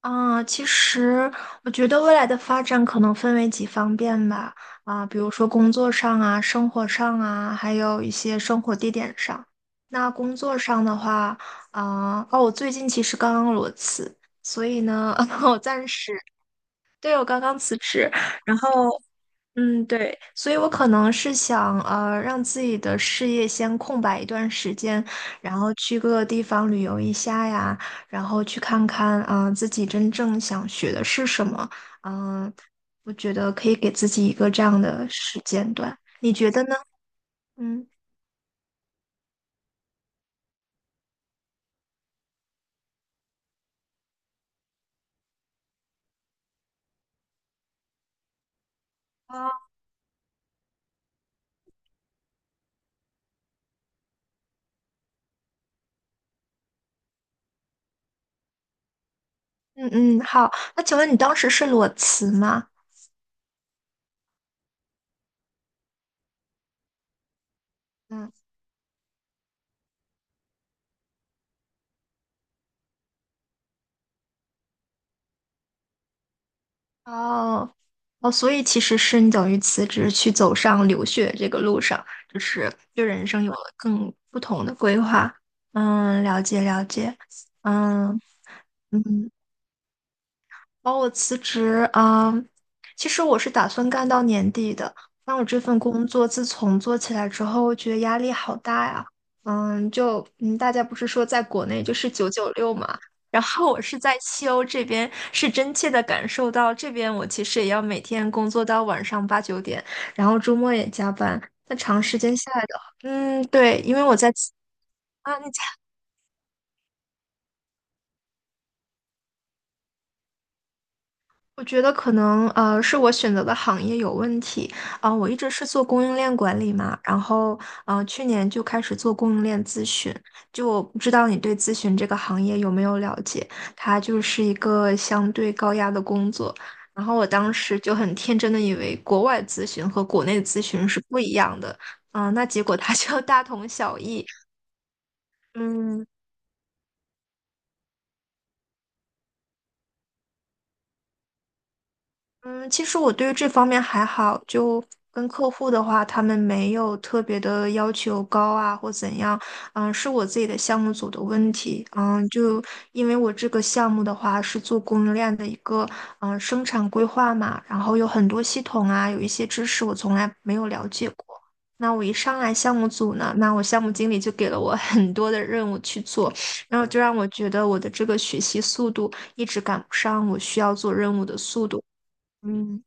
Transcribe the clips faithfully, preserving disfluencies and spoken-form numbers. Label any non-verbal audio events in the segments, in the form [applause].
啊，其实我觉得未来的发展可能分为几方面吧，啊，比如说工作上啊、生活上啊，还有一些生活地点上。那工作上的话，啊，哦，我最近其实刚刚裸辞，所以呢，[laughs] 我暂时，对，我刚刚辞职，然后。嗯，对，所以我可能是想，呃，让自己的事业先空白一段时间，然后去各个地方旅游一下呀，然后去看看，啊、自己真正想学的是什么。嗯、我觉得可以给自己一个这样的时间段，你觉得呢？嗯啊，嗯嗯，好。那请问你当时是裸辞吗？嗯。哦，哦，所以其实是你等于辞职去走上留学这个路上，就是对人生有了更不同的规划。嗯，了解了解。嗯嗯，哦，我辞职啊，其实我是打算干到年底的。但我这份工作自从做起来之后，我觉得压力好大呀。嗯，就嗯，大家不是说在国内就是九九六嘛，然后我是在西欧这边，是真切的感受到这边我其实也要每天工作到晚上八九点，然后周末也加班。那长时间下来的话，嗯，对，因为我在啊，你我觉得可能呃是我选择的行业有问题啊、我一直是做供应链管理嘛，然后嗯，去年就开始做供应链咨询，就我不知道你对咨询这个行业有没有了解？它就是一个相对高压的工作，然后我当时就很天真的以为国外咨询和国内咨询是不一样的，嗯、那结果它 [laughs] 就大同小异，嗯，嗯，其实我对于这方面还好，就跟客户的话，他们没有特别的要求高啊，或怎样。嗯，是我自己的项目组的问题。嗯，就因为我这个项目的话是做供应链的一个嗯生产规划嘛，然后有很多系统啊，有一些知识我从来没有了解过。那我一上来项目组呢，那我项目经理就给了我很多的任务去做，然后就让我觉得我的这个学习速度一直赶不上我需要做任务的速度。嗯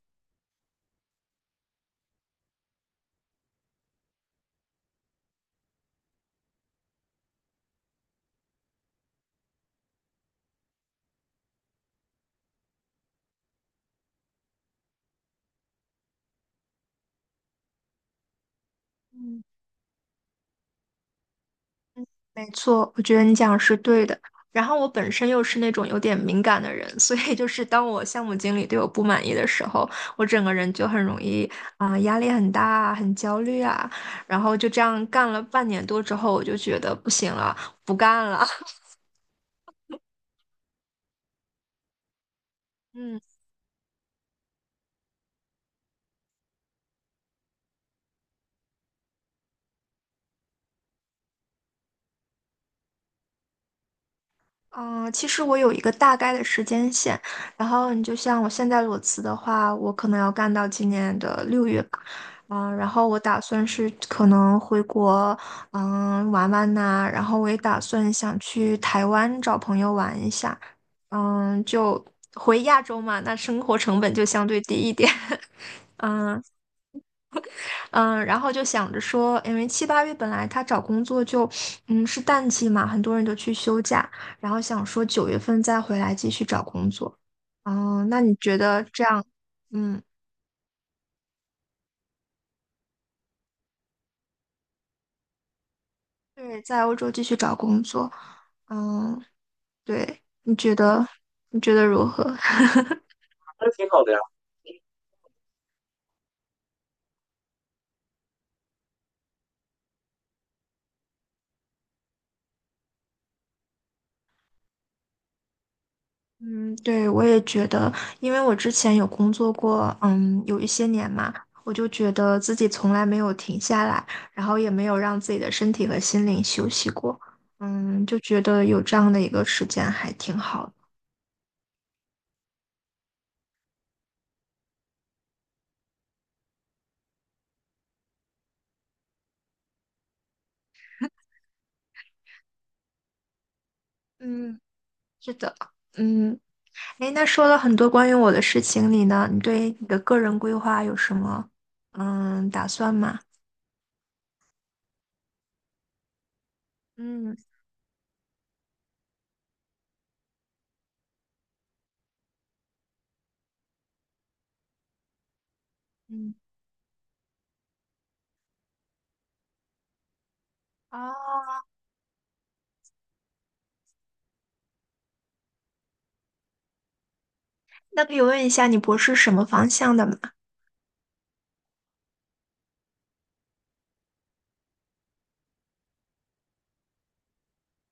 嗯嗯，没错，我觉得你讲的是对的。然后我本身又是那种有点敏感的人，所以就是当我项目经理对我不满意的时候，我整个人就很容易啊、压力很大啊，很焦虑啊。然后就这样干了半年多之后，我就觉得不行了，不干了。[laughs] 嗯。嗯，其实我有一个大概的时间线，然后你就像我现在裸辞的话，我可能要干到今年的六月吧，嗯，然后我打算是可能回国，嗯，玩玩呐、然后我也打算想去台湾找朋友玩一下，嗯，就回亚洲嘛，那生活成本就相对低一点，[laughs] 嗯，嗯，然后就想着说，因为七八月本来他找工作就，嗯，是淡季嘛，很多人都去休假，然后想说九月份再回来继续找工作。嗯，那你觉得这样，嗯，对，在欧洲继续找工作，嗯，对，你觉得，你觉得如何？[laughs] 挺好的呀。嗯，对，我也觉得，因为我之前有工作过，嗯，有一些年嘛，我就觉得自己从来没有停下来，然后也没有让自己的身体和心灵休息过，嗯，就觉得有这样的一个时间还挺好的。嗯，是的，嗯，诶，那说了很多关于我的事情，你呢？你对你的个人规划有什么嗯打算吗？嗯嗯，哦，那可以问一下你博士什么方向的吗？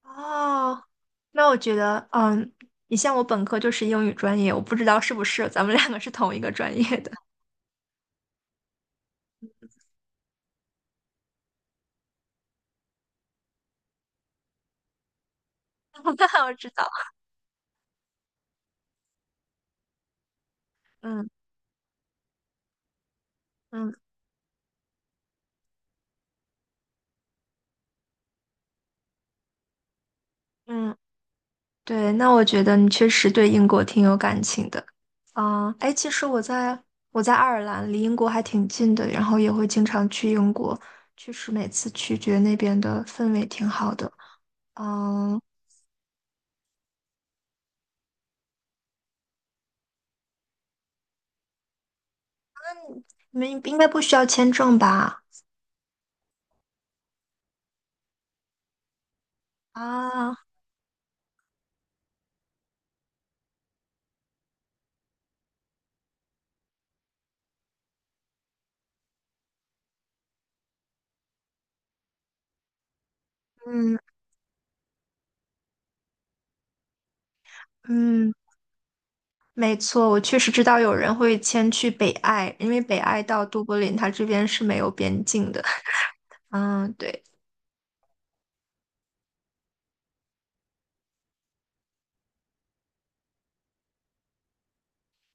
哦，那我觉得，嗯，你像我本科就是英语专业，我不知道是不是咱们两个是同一个专业的。[laughs] 那我知道，嗯嗯嗯，对，那我觉得你确实对英国挺有感情的。啊。哎，其实我在我在爱尔兰，离英国还挺近的，然后也会经常去英国，确实每次去觉得那边的氛围挺好的。嗯，你们应该不需要签证吧？啊，嗯嗯。没错，我确实知道有人会迁去北爱，因为北爱到都柏林，它这边是没有边境的。嗯，对，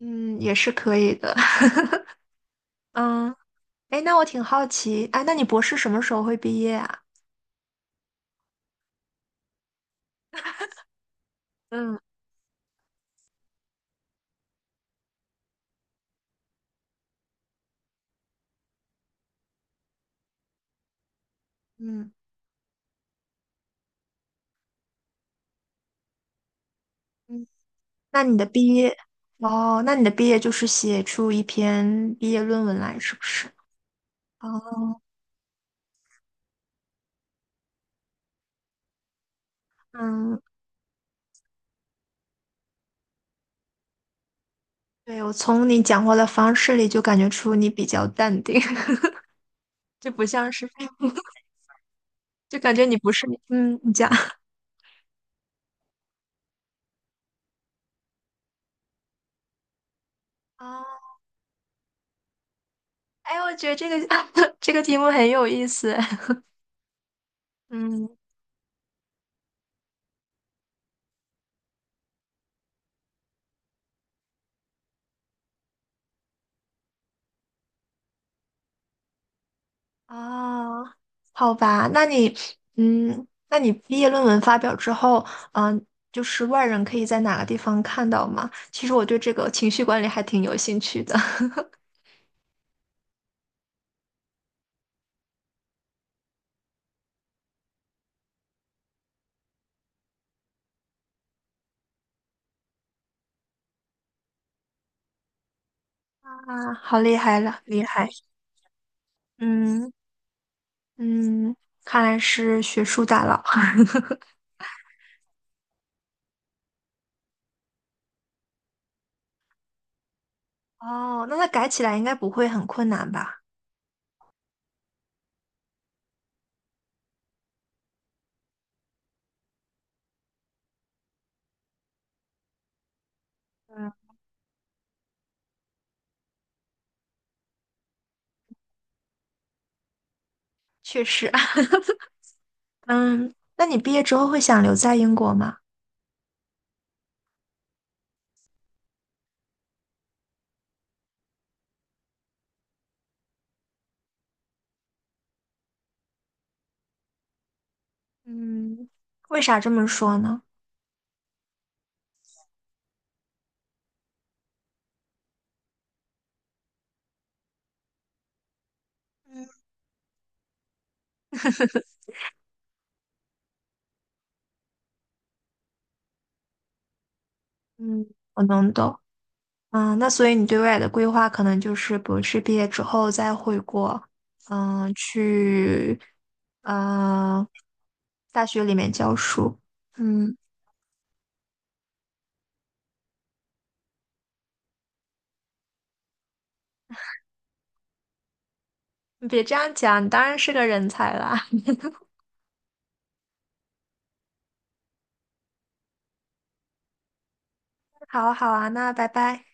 嗯，也是可以的。[laughs] 嗯，哎，那我挺好奇，哎，那你博士什么时候会毕业啊？嗯嗯嗯，那你的毕业，哦，那你的毕业就是写出一篇毕业论文来，是不是？哦，嗯，对，我从你讲话的方式里就感觉出你比较淡定，[laughs] 就不像是，[laughs] 就感觉你不是，嗯，你讲。[laughs] 哦哎，我觉得这个 [coughs] [laughs] 这个题目很有意思。[laughs] 嗯，啊，好吧，那你，嗯，那你毕业论文发表之后，嗯，就是外人可以在哪个地方看到吗？其实我对这个情绪管理还挺有兴趣的。[laughs] 啊，好厉害了，厉害。嗯嗯，看来是学术大佬。[laughs] 哦，那他改起来应该不会很困难吧？嗯，确实。[laughs] 嗯，那你毕业之后会想留在英国吗？嗯，为啥这么说呢？嗯，我能懂。嗯，那所以你对未来的规划可能就是博士毕业之后再回国，嗯，去呃大学里面教书。嗯，你别这样讲，你当然是个人才啦。[laughs] 好啊好啊，那拜拜。